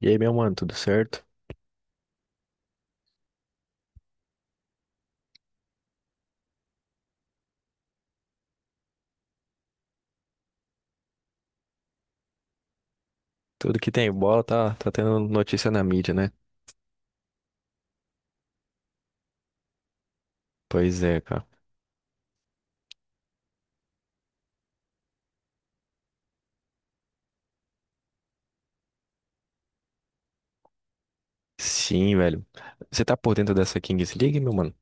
E aí, meu mano, tudo certo? Tudo que tem bola tá tendo notícia na mídia, né? Pois é, cara. Sim, velho. Você tá por dentro dessa Kings League, meu mano?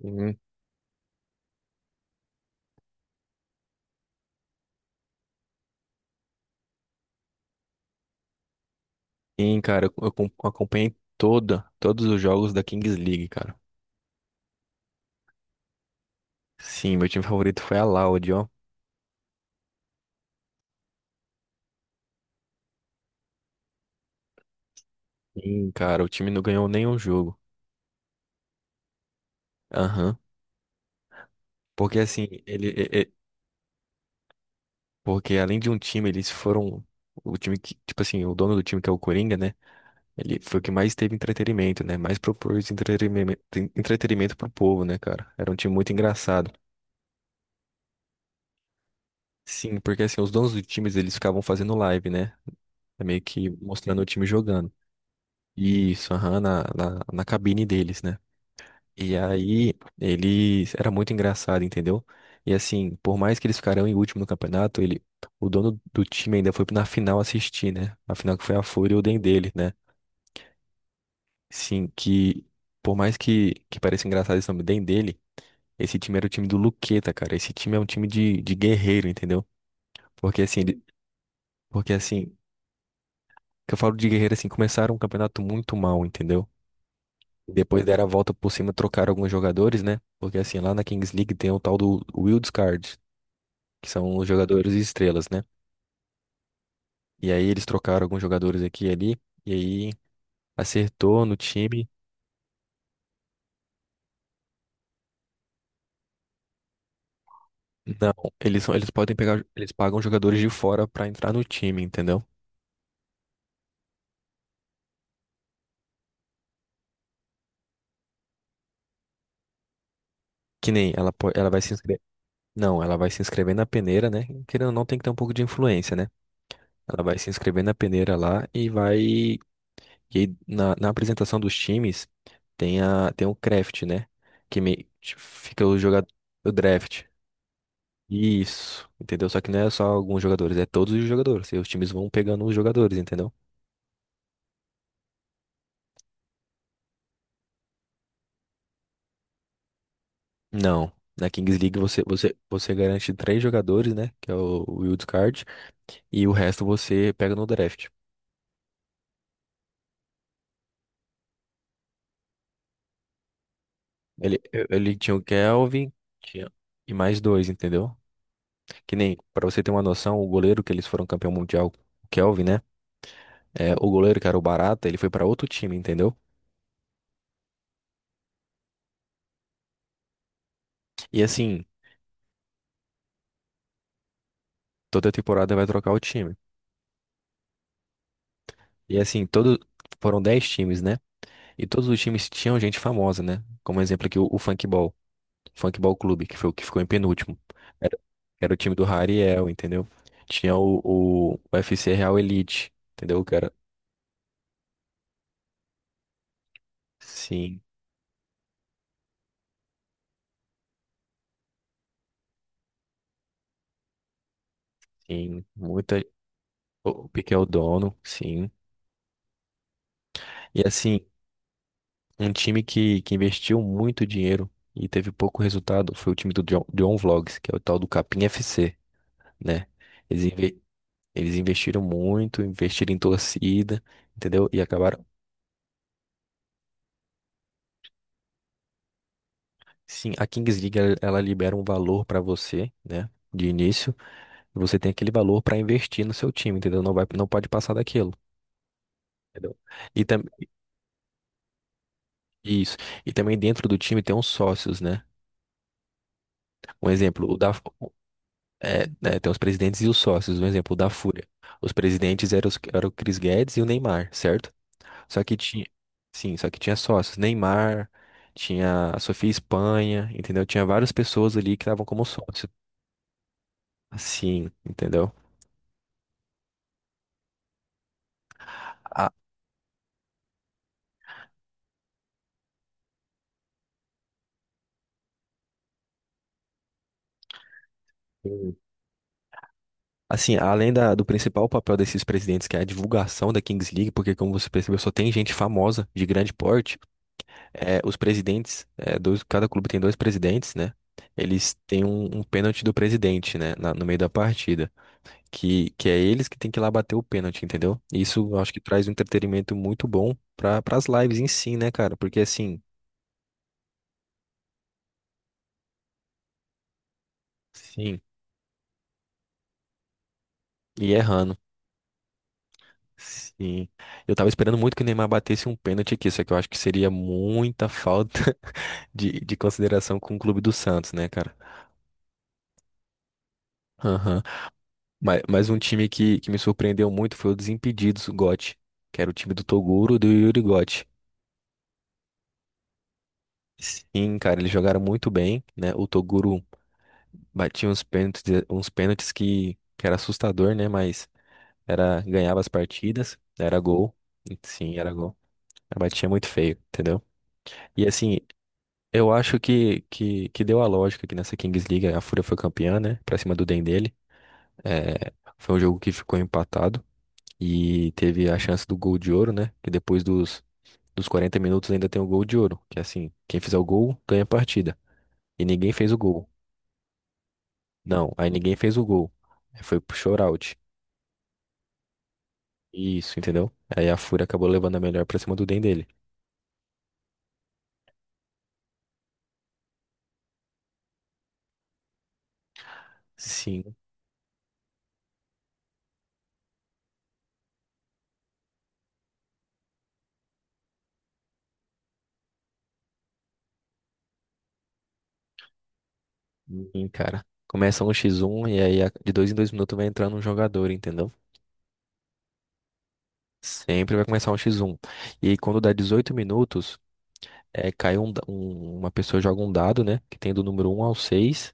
Uhum. Sim, cara, acompanhei todos os jogos da Kings League, cara. Sim, meu time favorito foi a Loud, ó. Sim, cara, o time não ganhou nenhum jogo. Aham. Porque assim, porque além de um time, eles foram o time que, tipo assim, o dono do time que é o Coringa, né? Ele foi o que mais teve entretenimento, né? Mais propôs entretenimento, entretenimento pro povo, né, cara? Era um time muito engraçado. Sim, porque assim, os donos dos times, eles ficavam fazendo live, né? É meio que mostrando o time jogando. Isso, aham, na cabine deles, né? E aí, eles... Era muito engraçado, entendeu? E assim, por mais que eles ficaram em último no campeonato, ele... O dono do time ainda foi na final assistir, né? A final que foi a Fúria e o Dendê, né? Sim, que por mais que pareça engraçado esse nome bem dele, esse time era o time do Luqueta, cara. Esse time é um time de guerreiro, entendeu? Porque assim, porque assim, que eu falo de guerreiro assim, começaram um campeonato muito mal, entendeu? Depois deram a volta por cima, trocaram alguns jogadores, né? Porque assim, lá na Kings League tem o tal do Wildcard, que são os jogadores estrelas, né? E aí eles trocaram alguns jogadores aqui e ali, e aí acertou no time. Não, eles podem pegar, eles pagam jogadores de fora pra entrar no time, entendeu? Que nem ela, ela vai se inscrever. Não, ela vai se inscrever na peneira, né? Querendo ou não, tem que ter um pouco de influência, né? Ela vai se inscrever na peneira lá e vai. E aí, na apresentação dos times, tem o craft, né? Fica o jogador. O draft. Isso, entendeu? Só que não é só alguns jogadores, é todos os jogadores. E os times vão pegando os jogadores, entendeu? Não. Na Kings League você garante três jogadores, né? Que é o Wild Card. E o resto você pega no draft. Ele, ele tinha o Kelvin tinha, e mais dois, entendeu? Que nem, pra você ter uma noção, o goleiro que eles foram campeão mundial, o Kelvin, né? É, o goleiro que era o Barata, ele foi pra outro time, entendeu? E assim, toda temporada vai trocar o time. E assim, foram 10 times, né? E todos os times tinham gente famosa, né? Como exemplo aqui, o Funkball Ball, Clube, que foi o que ficou em penúltimo. Era, era o time do Rariel, entendeu? Tinha o UFC Real Elite, entendeu? Que era, sim, sim, muita. O Piqué é o dono, sim. E assim, um time que investiu muito dinheiro e teve pouco resultado foi o time do John, John Vlogs, que é o tal do Capim FC, né? Eles, inve- eles investiram muito, investiram em torcida, entendeu? E acabaram. Sim, a Kings League ela libera um valor pra você, né? De início, e você tem aquele valor pra investir no seu time, entendeu? Não vai, não pode passar daquilo. Entendeu? E também isso. E também dentro do time tem uns sócios, né? Um exemplo, é, né, tem os presidentes e os sócios, um exemplo da Fúria. Os presidentes eram, eram o Chris Guedes e o Neymar, certo? Só que tinha, sim, só que tinha sócios, Neymar, tinha a Sofia Espanha, entendeu? Tinha várias pessoas ali que estavam como sócios. Assim, entendeu? A- Assim, além do principal papel desses presidentes, que é a divulgação da Kings League, porque como você percebeu, só tem gente famosa, de grande porte, é, os presidentes, é, dois, cada clube tem dois presidentes, né? Eles têm um pênalti do presidente, né? No meio da partida. Que é eles que tem que ir lá bater o pênalti, entendeu? Isso eu acho que traz um entretenimento muito bom para as lives em si, né, cara? Porque assim, sim, e errando. Sim. Eu tava esperando muito que o Neymar batesse um pênalti aqui, só que eu acho que seria muita falta de consideração com o clube do Santos, né, cara? Aham. Mas um time que me surpreendeu muito foi o Desimpedidos, o GOT, que era o time do Toguro e do Yuri Gotti. Sim, cara, eles jogaram muito bem, né? O Toguro batia uns pênaltis que era assustador, né? Mas era, ganhava as partidas, era gol. Sim, era gol. Batia muito feio, entendeu? E assim, eu acho que deu a lógica que nessa Kings League a Fúria foi campeã, né? Pra cima do Dendele. É, foi um jogo que ficou empatado. E teve a chance do gol de ouro, né? Que depois dos 40 minutos ainda tem o gol de ouro. Que é assim, quem fizer o gol ganha a partida. E ninguém fez o gol. Não, aí ninguém fez o gol. Aí foi pro shootout. Isso, entendeu? Aí a Fúria acabou levando a melhor pra cima do Den dele. Sim, sim, cara. Começa um x1 e aí de dois em dois minutos vai entrando um jogador, entendeu? Sempre vai começar um x1. E aí quando dá 18 minutos, é, cai um, da- um- uma pessoa joga um dado, né? Que tem do número um ao 6.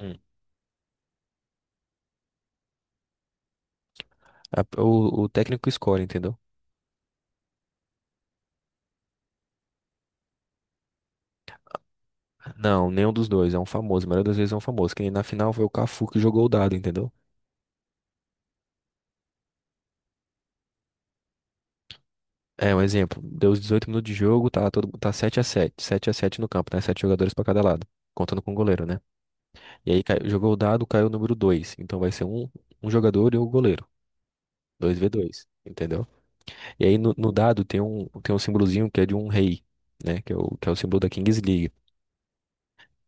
Um. O técnico escolhe, entendeu? Não, nenhum dos dois. É um famoso. A maioria das vezes é um famoso. Que nem na final foi o Cafu que jogou o dado, entendeu? É, um exemplo. Deu os 18 minutos de jogo, tá, todo, tá sete a sete no campo, né? 7 jogadores pra cada lado. Contando com o goleiro, né? E aí jogou o dado, caiu o número 2. Então vai ser um jogador e o goleiro. Dois v dois, entendeu? E aí no dado tem tem um símbolozinho que é de um rei, né? Que é que é o símbolo da Kings League.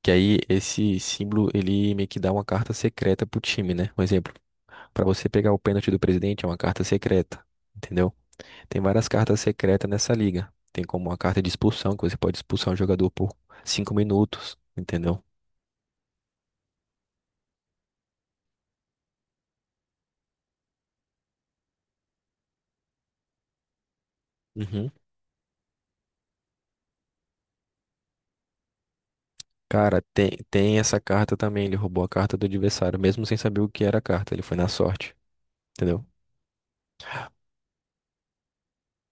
Que aí esse símbolo, ele meio que dá uma carta secreta pro time, né? Um exemplo. Para você pegar o pênalti do presidente é uma carta secreta, entendeu? Tem várias cartas secretas nessa liga. Tem como uma carta de expulsão, que você pode expulsar um jogador por cinco minutos, entendeu? Uhum. Cara, tem, tem essa carta também. Ele roubou a carta do adversário, mesmo sem saber o que era a carta. Ele foi na sorte, entendeu?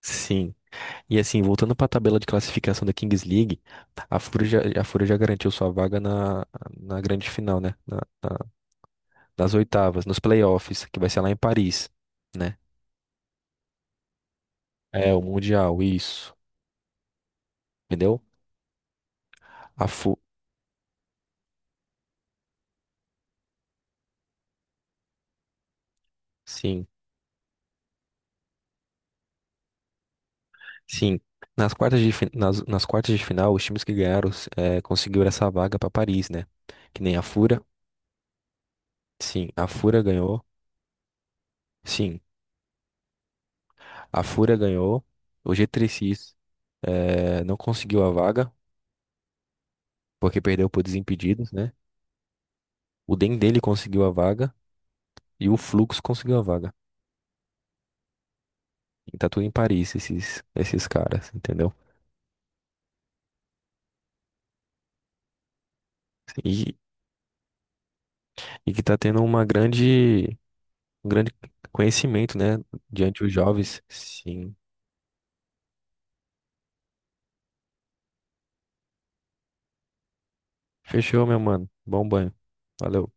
Sim. E assim, voltando para a tabela de classificação da Kings League, a Fúria já garantiu sua vaga na grande final, né? Nas oitavas, nos playoffs, que vai ser lá em Paris. Né? É, o Mundial, isso. Entendeu? A fu sim, sim. Nas quartas nas quartas de final, os times que ganharam é, conseguiram essa vaga pra Paris, né? Que nem a fura sim, a fura ganhou. Sim, a fura ganhou. O G3X é, não conseguiu a vaga, porque perdeu por desimpedidos, né? O Dendele conseguiu a vaga e o Flux conseguiu a vaga. E tá tudo em Paris, esses caras, entendeu? E, e que tá tendo uma grande. Um grande conhecimento, né, diante dos jovens. Sim. Fechou, meu mano. Bom banho. Valeu.